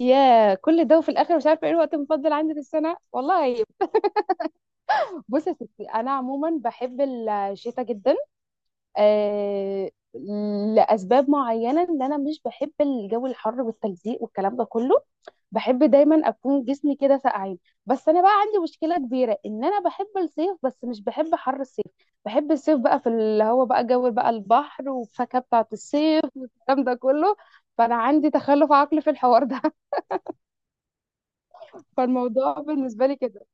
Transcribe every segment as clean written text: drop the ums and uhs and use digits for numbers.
يا كل ده وفي الاخر مش عارفه ايه الوقت المفضل عندي في السنه والله. بصي يا ستي، انا عموما بحب الشتاء جدا. آه لاسباب معينه، ان انا مش بحب الجو الحر والتلزيق والكلام ده كله. بحب دايما اكون جسمي كده ساقعين. بس انا بقى عندي مشكله كبيره، ان انا بحب الصيف بس مش بحب حر الصيف. بحب الصيف بقى في اللي هو بقى جو، بقى البحر والفاكهه بتاعه الصيف والكلام ده كله. فانا عندي تخلف عقلي في الحوار ده. فالموضوع بالنسبه لي كده،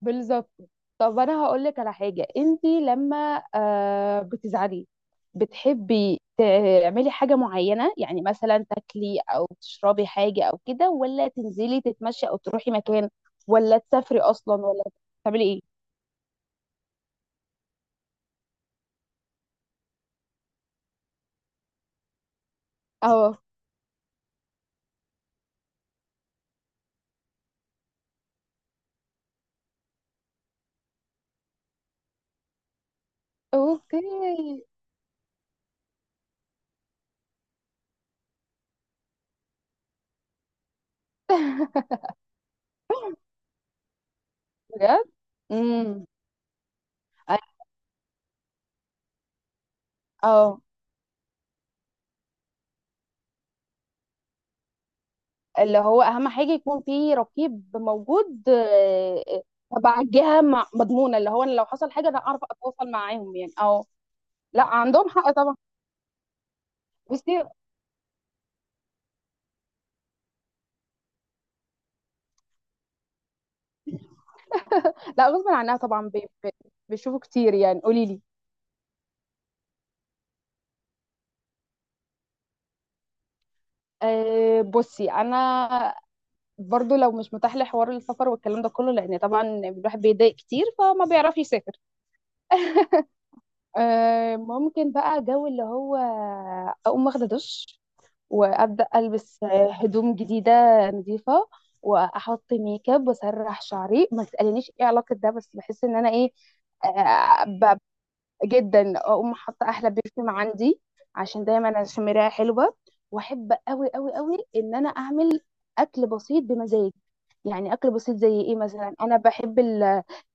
بالظبط. طب انا هقول لك على حاجه، انت لما بتزعلي بتحبي تعملي حاجه معينه؟ يعني مثلا تاكلي او تشربي حاجه، او كده ولا تنزلي تتمشي، او تروحي مكان، ولا تسافري اصلا، ولا تعملي ايه؟ اه. اوكي. بجد. امم. اه، اللي هو اهم حاجه يكون في رقيب موجود، تبع الجهه مضمونه، اللي هو أنا لو حصل حاجه انا اعرف اتواصل معاهم يعني. اه. لا عندهم حق طبعا. بصي. لا غصب عنها طبعا، بيشوفوا كتير يعني، قولي لي. أه بصي انا برضو لو مش متاح لي حوار السفر والكلام ده كله، لان طبعا الواحد بيضايق كتير فما بيعرفش يسافر. أه، ممكن بقى جو اللي هو اقوم واخده دش، وابدا البس هدوم جديده نظيفه، واحط ميك اب واسرح شعري. ما تسالنيش ايه علاقه ده، بس بحس ان انا ايه جدا. اقوم حاطه احلى برفيوم عندي، عشان دايما عشان مرايه حلوه. واحب قوي قوي قوي ان انا اعمل اكل بسيط بمزاج. يعني اكل بسيط زي ايه؟ مثلا انا بحب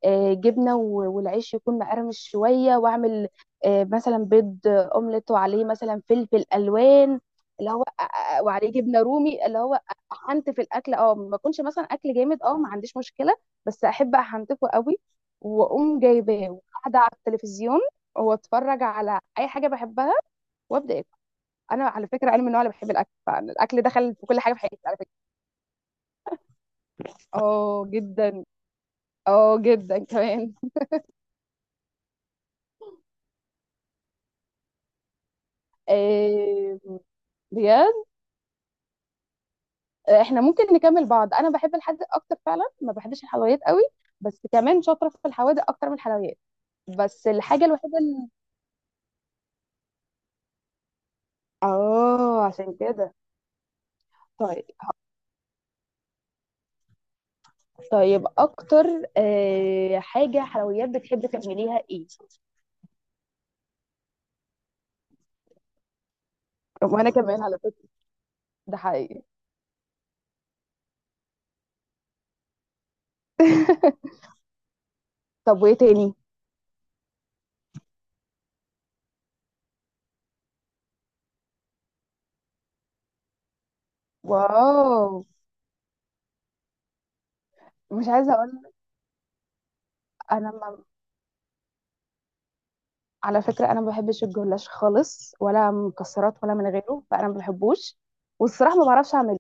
الجبنه، والعيش يكون مقرمش شويه، واعمل مثلا بيض اومليت وعليه مثلا فلفل الوان، اللي هو وعليه جبنه رومي. اللي هو احنت في الاكل، اه، ما يكونش مثلا اكل جامد، اه ما عنديش مشكله. بس احب احنتفه قوي. واقوم جايباه وقاعده على التلفزيون، واتفرج على اي حاجه بحبها وابدا اكل. انا على فكره انا من النوع اللي بحب الاكل، فالاكل دخل في كل حاجه في حياتي على فكره. اه جدا. اه جدا كمان. إيه. بجد. احنا ممكن نكمل بعض، انا بحب الحادق اكتر فعلا، ما بحبش الحلويات قوي. بس كمان شاطره في الحوادق اكتر من الحلويات. بس الحاجه الوحيده اللي... اه عشان كده. طيب. طيب اكتر حاجه حلويات بتحبي تعمليها ايه؟ وانا كمان على فكره. ده حقيقي. طب وايه تاني؟ واو. مش عايزه اقول لك، انا ما، على فكره انا ما بحبش الجلاش خالص، ولا مكسرات ولا من غيره، فانا ما بحبوش. والصراحه ما بعرفش اعمله.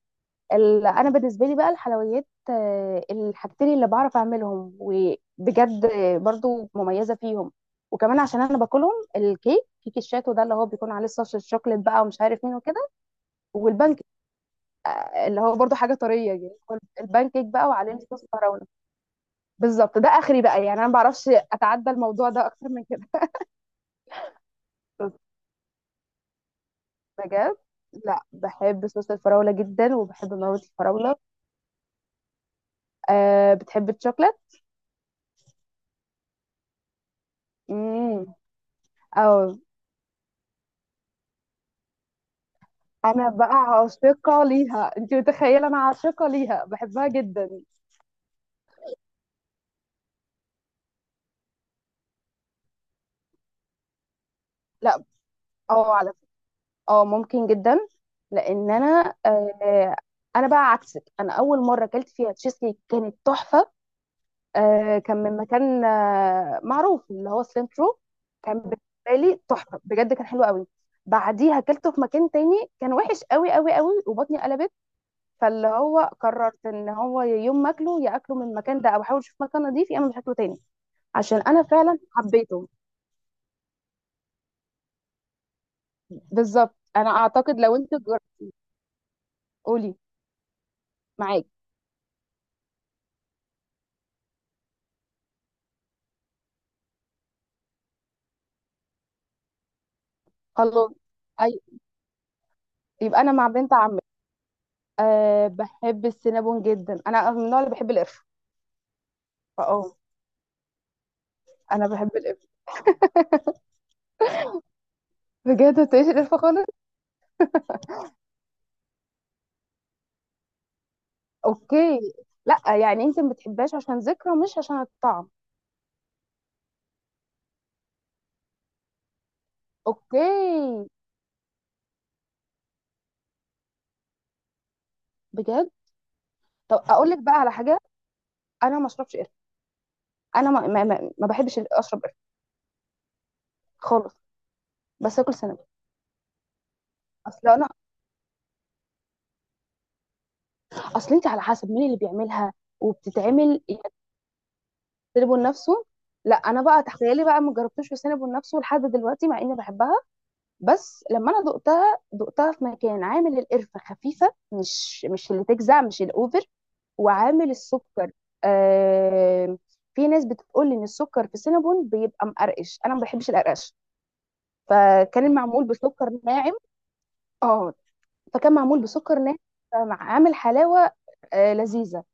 ال... انا بالنسبه لي بقى الحلويات، الحاجتين اللي بعرف اعملهم وبجد برضو مميزه فيهم، وكمان عشان انا باكلهم، الكيك، كيك الشاتو ده اللي هو بيكون عليه صوص الشوكليت بقى ومش عارف مين وكده. والبانكيك اللي هو برضو حاجه طريه، يعني هو البانكيك بقى وعليه صوص فراوله. بالضبط ده آخري بقى، يعني أنا ما باعرفش أتعدى الموضوع ده أكتر من كده. بجد. لا بحب صوص الفراولة جدا، وبحب مكرونة الفراولة. أه بتحب الشوكليت. امم. أو، أنا بقى عاشقة ليها، أنت متخيلة، أنا عاشقة ليها، بحبها جدا. لا. أه على فكرة. أه ممكن جدا. لأن أنا أه، أنا بقى عكسك، أنا أول مرة أكلت فيها تشيز كيك كانت تحفة. آه كان من مكان معروف، اللي هو سليم ترو. كان بالنسبه لي تحفه بجد، كان حلو قوي. بعديها اكلته في مكان تاني، كان وحش قوي قوي قوي وبطني قلبت. فاللي هو قررت ان هو يوم ما اكله يا اكله من المكان ده، او احاول اشوف مكان نضيف، يا اما مش هاكله تاني. عشان انا فعلا حبيته. بالظبط. انا اعتقد لو انت جر... قولي. معاك. خلاص. اي. يبقى انا مع بنت عمي. أه بحب السينابون جدا، انا من النوع اللي بحب القرفه. فاه. انا بحب القرفه. بجد ما تقوليش القرفه خالص. اوكي. لا يعني انت ما بتحبهاش عشان ذكرى، مش عشان الطعم. اوكي. بجد. طب اقول لك بقى على حاجه، انا ما اشربش قرفه، انا ما بحبش اشرب قرفه خالص. بس اكل سنه. اصل انا. اصل انت على حسب مين اللي بيعملها وبتتعمل يعني. سينابون نفسه. لا انا بقى، تخيلي بقى، ما جربتوش في سينابون نفسه لحد دلوقتي، مع اني بحبها. بس لما انا دقتها في مكان عامل القرفه خفيفه، مش اللي تجزع، مش الاوفر، وعامل السكر. آه. في ناس بتقول ان السكر في سينابون بيبقى مقرقش، انا ما بحبش القرقش. فكان المعمول بسكر ناعم. اه. فكان معمول بسكر ناعم، فعامل حلاوه لذيذه،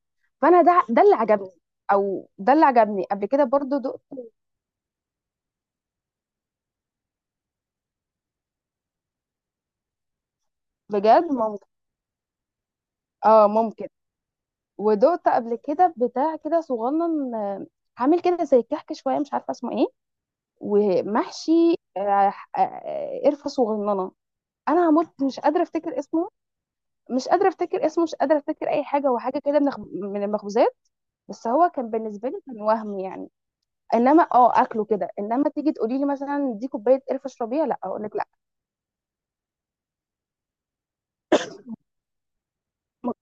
فانا ده اللي عجبني. او ده اللي عجبني قبل كده، برضو دقت. بجد ممكن. اه ممكن. ودقت قبل كده بتاع كده صغنن عامل كده زي الكحك شويه، مش عارفه اسمه ايه، ومحشي قرفه صغننه. انا هموت مش قادره افتكر اسمه. مش قادره افتكر اسمه، مش قادره افتكر اي حاجه. هو حاجه كده من من المخبوزات. بس هو كان بالنسبه لي كان وهم يعني. انما اه اكله كده، انما تيجي تقولي لي مثلا دي كوبايه قرفه اشربيها، لا اقول لك لا. م-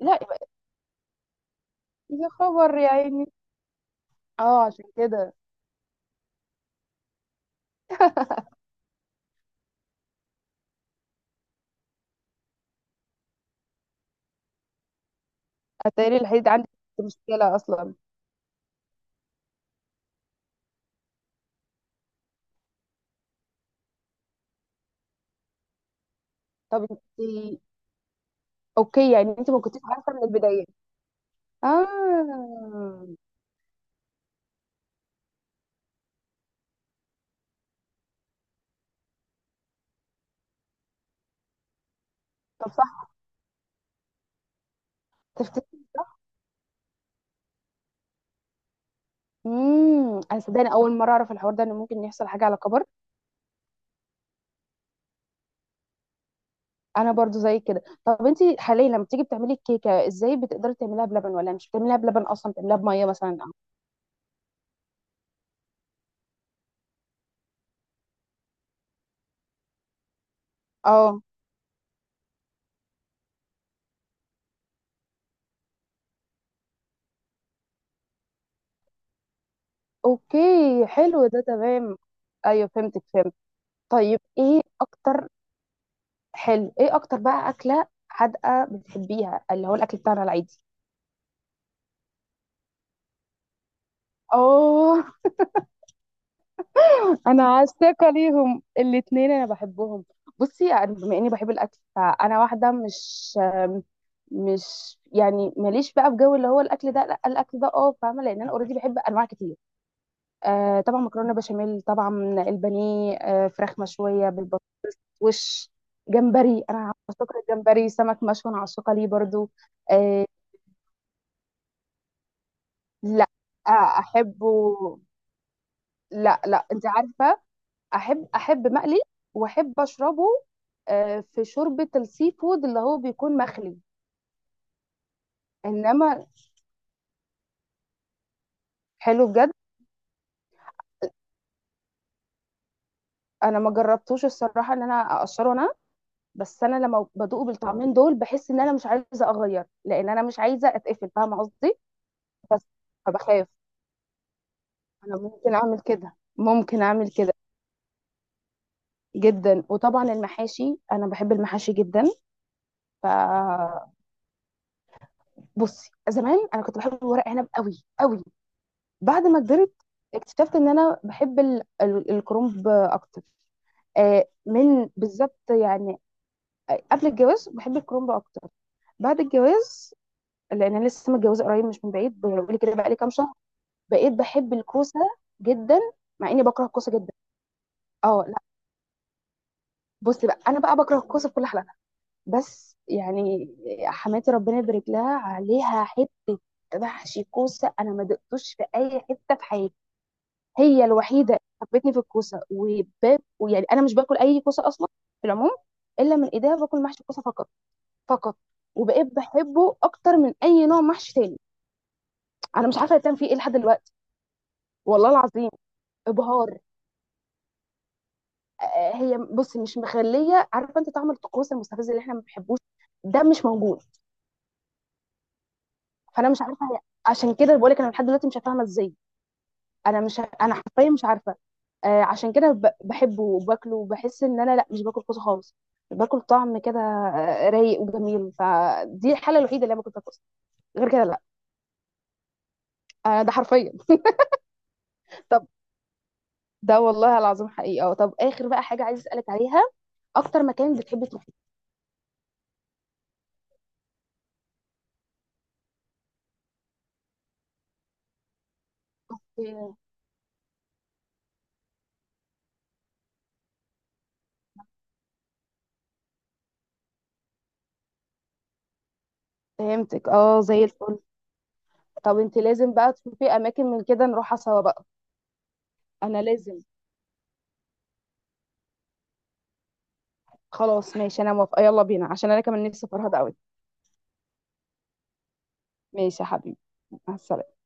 لا. يبقى... يا خبر يا عيني. اه عشان كده. اتاري الحديد عندي مشكله اصلا. طب انت. اوكي، يعني انت ما كنتيش عارفه من البدايه. اه. طب صح. تفتكر. امم، انا صدقني اول مره اعرف الحوار ده، ان ممكن يحصل حاجه على كبر. انا برضو زي كده. طب انت حاليا لما بتيجي بتعملي الكيكه ازاي؟ بتقدري تعمليها بلبن ولا مش بتعمليها بلبن اصلا؟ بتعمليها بميه مثلا؟ اه. اوكي حلو ده تمام. ايوه فهمتك، فهمت. طيب ايه اكتر. حلو، ايه اكتر بقى اكله حادقه بتحبيها، اللي هو الاكل بتاعنا العادي؟ اه. انا عاشقه ليهم الاتنين، انا بحبهم. بصي يعني، بما اني بحب الاكل، فانا واحده مش، مش يعني ماليش بقى في جو اللي هو الاكل ده، لا الاكل ده اه فاهمه، لان انا اوريدي بحب انواع كتير. آه طبعا، مكرونه بشاميل طبعا، البانيه، آه فراخ مشويه بالبطوش، جمبري. انا عاشقه الجمبري. سمك مشوي انا عاشقه ليه برضو. آه. لا. آه احبه. لا لا انت عارفه، احب مقلي. واحب اشربه في شوربه السي فود، اللي هو بيكون مخلي. انما حلو بجد. انا ما جربتوش الصراحه، ان انا اقشره انا. بس انا لما بدوق بالطعمين دول، بحس ان انا مش عايزه اغير، لان انا مش عايزه اتقفل، فاهمه قصدي. بس فبخاف. انا ممكن اعمل كده، ممكن اعمل كده. جدا. وطبعا المحاشي، انا بحب المحاشي جدا. فبصي، زمان انا كنت بحب ورق عنب قوي قوي. بعد ما كبرت اكتشفت ان انا بحب الكرومب اكتر. من بالظبط يعني قبل الجواز بحب الكرومب اكتر. بعد الجواز، لان انا لسه متجوزه قريب مش من بعيد، بقولي كده بقالي كام شهر، بقيت بحب الكوسه جدا. مع اني بكره الكوسه جدا. اه لا. بصي بقى، انا بقى بكره الكوسه بكل حالاتها. بس يعني حماتي ربنا يبارك لها عليها، حته محشي كوسه انا ما دقتوش في اي حته في حياتي. هي الوحيده اللي حبتني في الكوسه، وباب ويعني انا مش باكل اي كوسه اصلا في العموم، الا من ايديها باكل محشي الكوسه فقط. فقط. وبقيت بحبه اكتر من اي نوع محشي تاني. انا مش عارفه بتعمل فيه ايه لحد دلوقتي. والله العظيم. ابهار، هي بصي مش مخليه، عارفه انت طعم الطقوس المستفز اللي احنا ما بنحبوش؟ ده مش موجود. فانا مش عارفه هي، عشان كده بقول لك انا لحد دلوقتي مش فاهمه ازاي. انا حرفيا مش عارفه. آه عشان كده بحبه وباكله، وبحس ان انا لا مش باكل كوسه خالص، باكل طعم كده رايق وجميل، فدي الحاله الوحيده اللي انا باكل فيها كوسه. غير كده لا. آه ده حرفيا. طب ده والله العظيم حقيقه. طب اخر بقى حاجه عايز اسالك عليها، اكتر مكان بتحبي تروحي. إيه. فهمتك، اه زي الفل. طب انت لازم بقى تشوفي اماكن من كده نروحها سوا بقى. انا لازم. خلاص ماشي، انا موافقه، يلا بينا، عشان انا كمان نفسي فرهده قوي. ماشي يا حبيبي. مع السلامه.